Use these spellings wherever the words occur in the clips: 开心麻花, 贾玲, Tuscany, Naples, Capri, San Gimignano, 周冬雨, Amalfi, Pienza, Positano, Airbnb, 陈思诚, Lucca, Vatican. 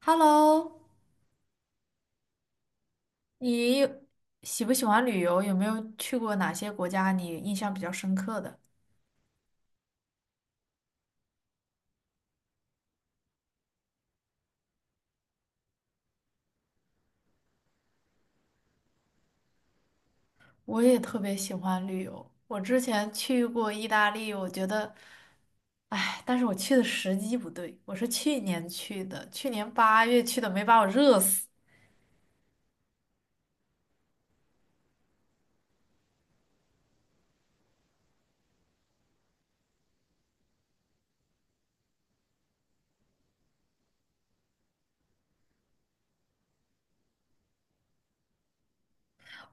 Hello，你喜不喜欢旅游？有没有去过哪些国家你印象比较深刻的？我也特别喜欢旅游，我之前去过意大利，我觉得，哎，但是我去的时机不对，我是去年去的，去年8月去的，没把我热死。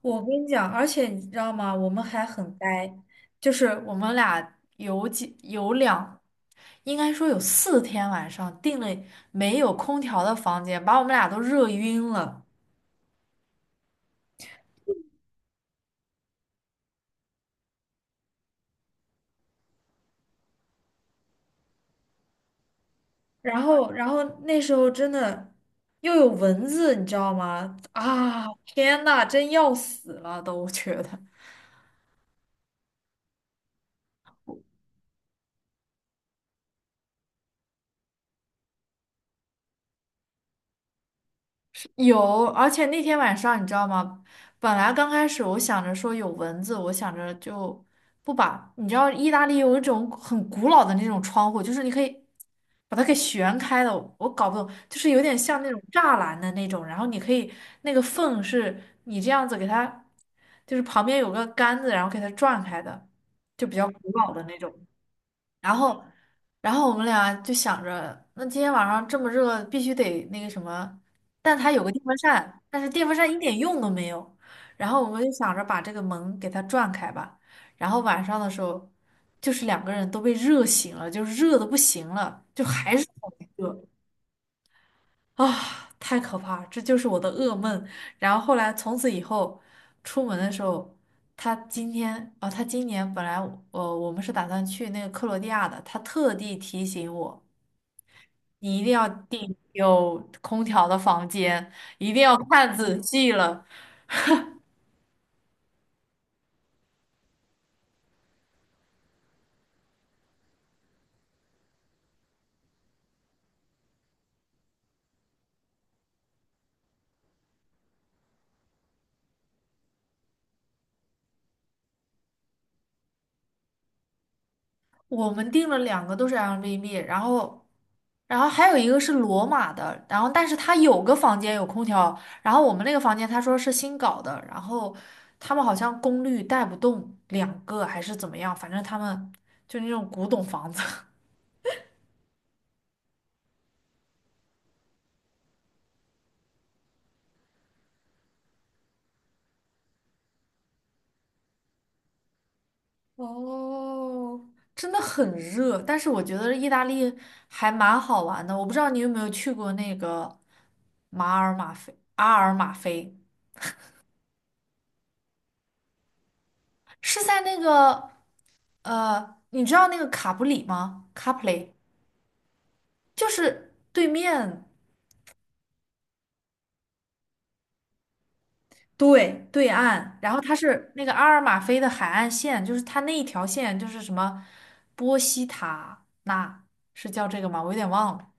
我跟你讲，而且你知道吗？我们还很呆，就是我们俩有几有两，应该说有四天晚上订了没有空调的房间，把我们俩都热晕了。然后那时候真的又有蚊子，你知道吗？啊，天呐，真要死了都，我觉得。有，而且那天晚上你知道吗？本来刚开始我想着说有蚊子，我想着就不把。你知道意大利有一种很古老的那种窗户，就是你可以把它给旋开的，我搞不懂，就是有点像那种栅栏的那种，然后你可以那个缝是你这样子给它，就是旁边有个杆子，然后给它转开的，就比较古老的那种。然后，然后我们俩就想着，那今天晚上这么热，必须得那个什么。但它有个电风扇，但是电风扇一点用都没有。然后我们就想着把这个门给它转开吧。然后晚上的时候，就是两个人都被热醒了，就是热的不行了，就还是好热。啊，太可怕了，这就是我的噩梦。然后后来从此以后，出门的时候，他今年本来我们是打算去那个克罗地亚的，他特地提醒我，你一定要订有空调的房间，一定要看仔细了。我们订了两个都是 a i b b 然后还有一个是罗马的，然后但是他有个房间有空调，然后我们那个房间他说是新搞的，然后他们好像功率带不动两个还是怎么样，反正他们就那种古董房子，哦，真的很热。但是我觉得意大利还蛮好玩的，我不知道你有没有去过那个马尔马菲，阿尔马菲是在那个你知道那个卡布里吗？卡普里就是对面。对，对岸，然后它是那个阿尔马菲的海岸线，就是它那一条线就是什么波西塔纳，是叫这个吗？我有点忘了。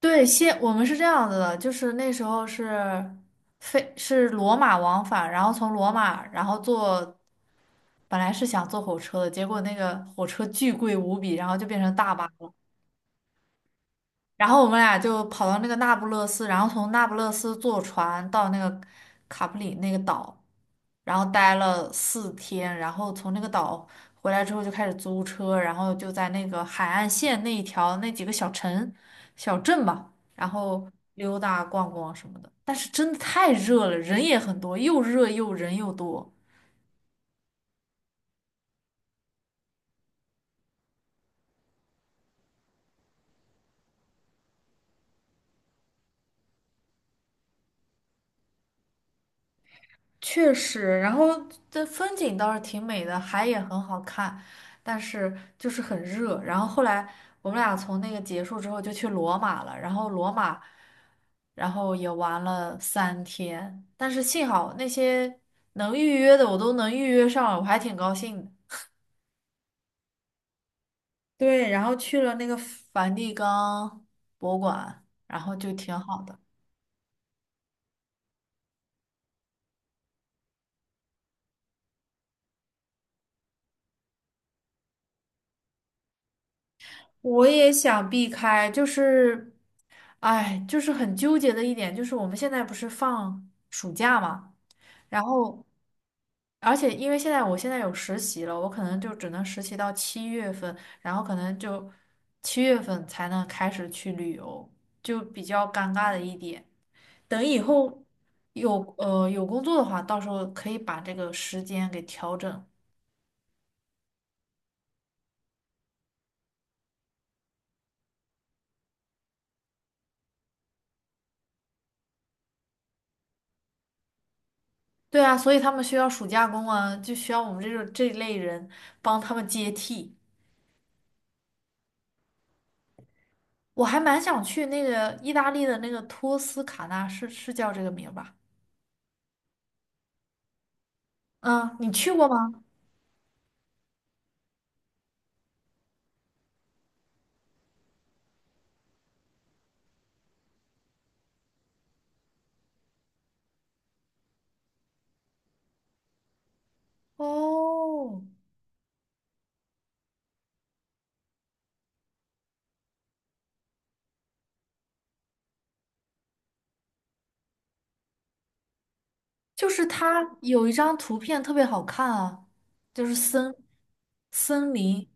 对，先我们是这样子的，就是那时候是飞是罗马往返，然后从罗马，然后坐本来是想坐火车的，结果那个火车巨贵无比，然后就变成大巴了。然后我们俩就跑到那个那不勒斯，然后从那不勒斯坐船到那个卡普里那个岛，然后待了四天，然后从那个岛回来之后就开始租车，然后就在那个海岸线那一条那几个小城、小镇吧，然后溜达逛逛什么的。但是真的太热了，人也很多，又热又人又多。确实，然后这风景倒是挺美的，海也很好看，但是就是很热。然后后来我们俩从那个结束之后就去罗马了，然后罗马，然后也玩了3天，但是幸好那些能预约的我都能预约上了，我还挺高兴的。对，然后去了那个梵蒂冈博物馆，然后就挺好的。我也想避开，就是。哎，就是很纠结的一点，就是我们现在不是放暑假嘛，然后，而且因为现在我现在有实习了，我可能就只能实习到七月份，然后可能就七月份才能开始去旅游，就比较尴尬的一点。等以后有工作的话，到时候可以把这个时间给调整。对啊，所以他们需要暑假工啊，就需要我们这种这一类人帮他们接替。我还蛮想去那个意大利的那个托斯卡纳，是叫这个名儿吧？嗯，你去过吗？哦，就是它有一张图片特别好看啊，就是森林。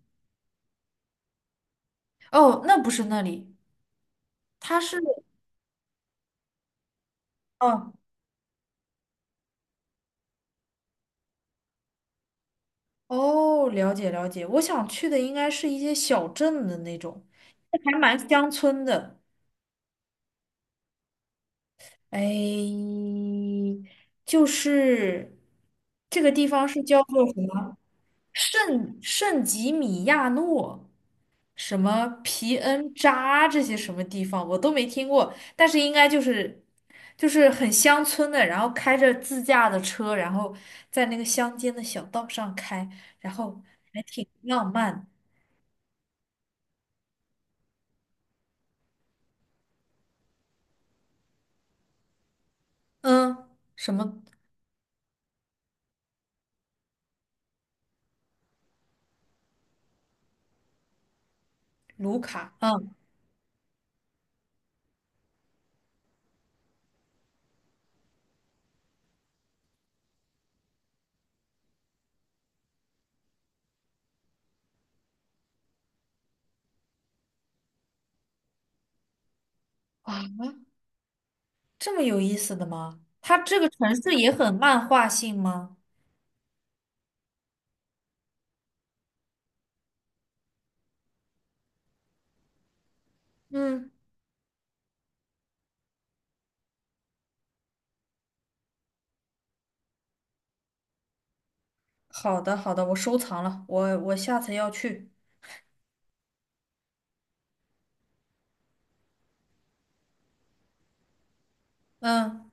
哦，那不是那里，它是哦哦，了解了解。我想去的应该是一些小镇的那种，还蛮乡村的。哎，就是这个地方是叫做什么？圣吉米亚诺、什么皮恩扎这些什么地方我都没听过，但是应该就是就是很乡村的，然后开着自驾的车，然后在那个乡间的小道上开，然后还挺浪漫。嗯，什么卢卡？嗯，哇，这么有意思的吗？它这个城市也很漫画性吗？嗯，好的好的，我收藏了，我下次要去。嗯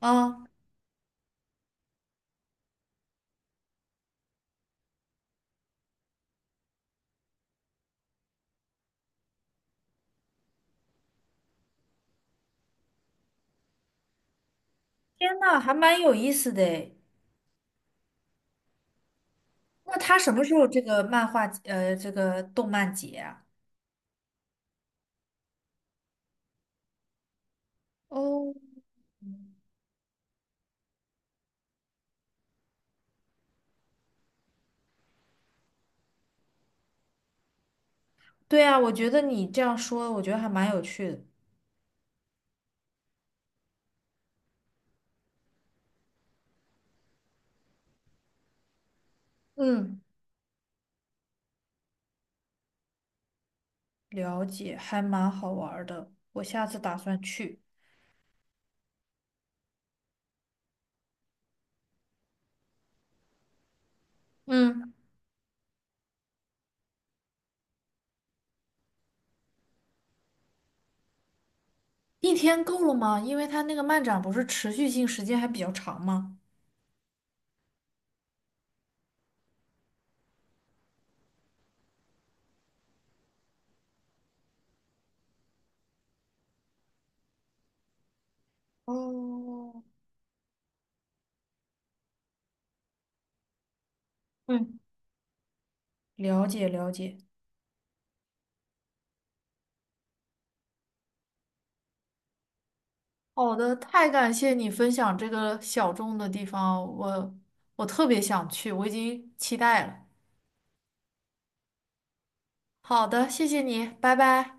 啊。天呐，还蛮有意思的诶。那他什么时候这个漫画呃这个动漫节啊？哦，对啊，我觉得你这样说，我觉得还蛮有趣的。嗯，了解，还蛮好玩儿的。我下次打算去。嗯，一天够了吗？因为他那个漫展不是持续性时间还比较长吗？哦，嗯，了解了解。好的，太感谢你分享这个小众的地方，我特别想去，我已经期待了。好的，谢谢你，拜拜。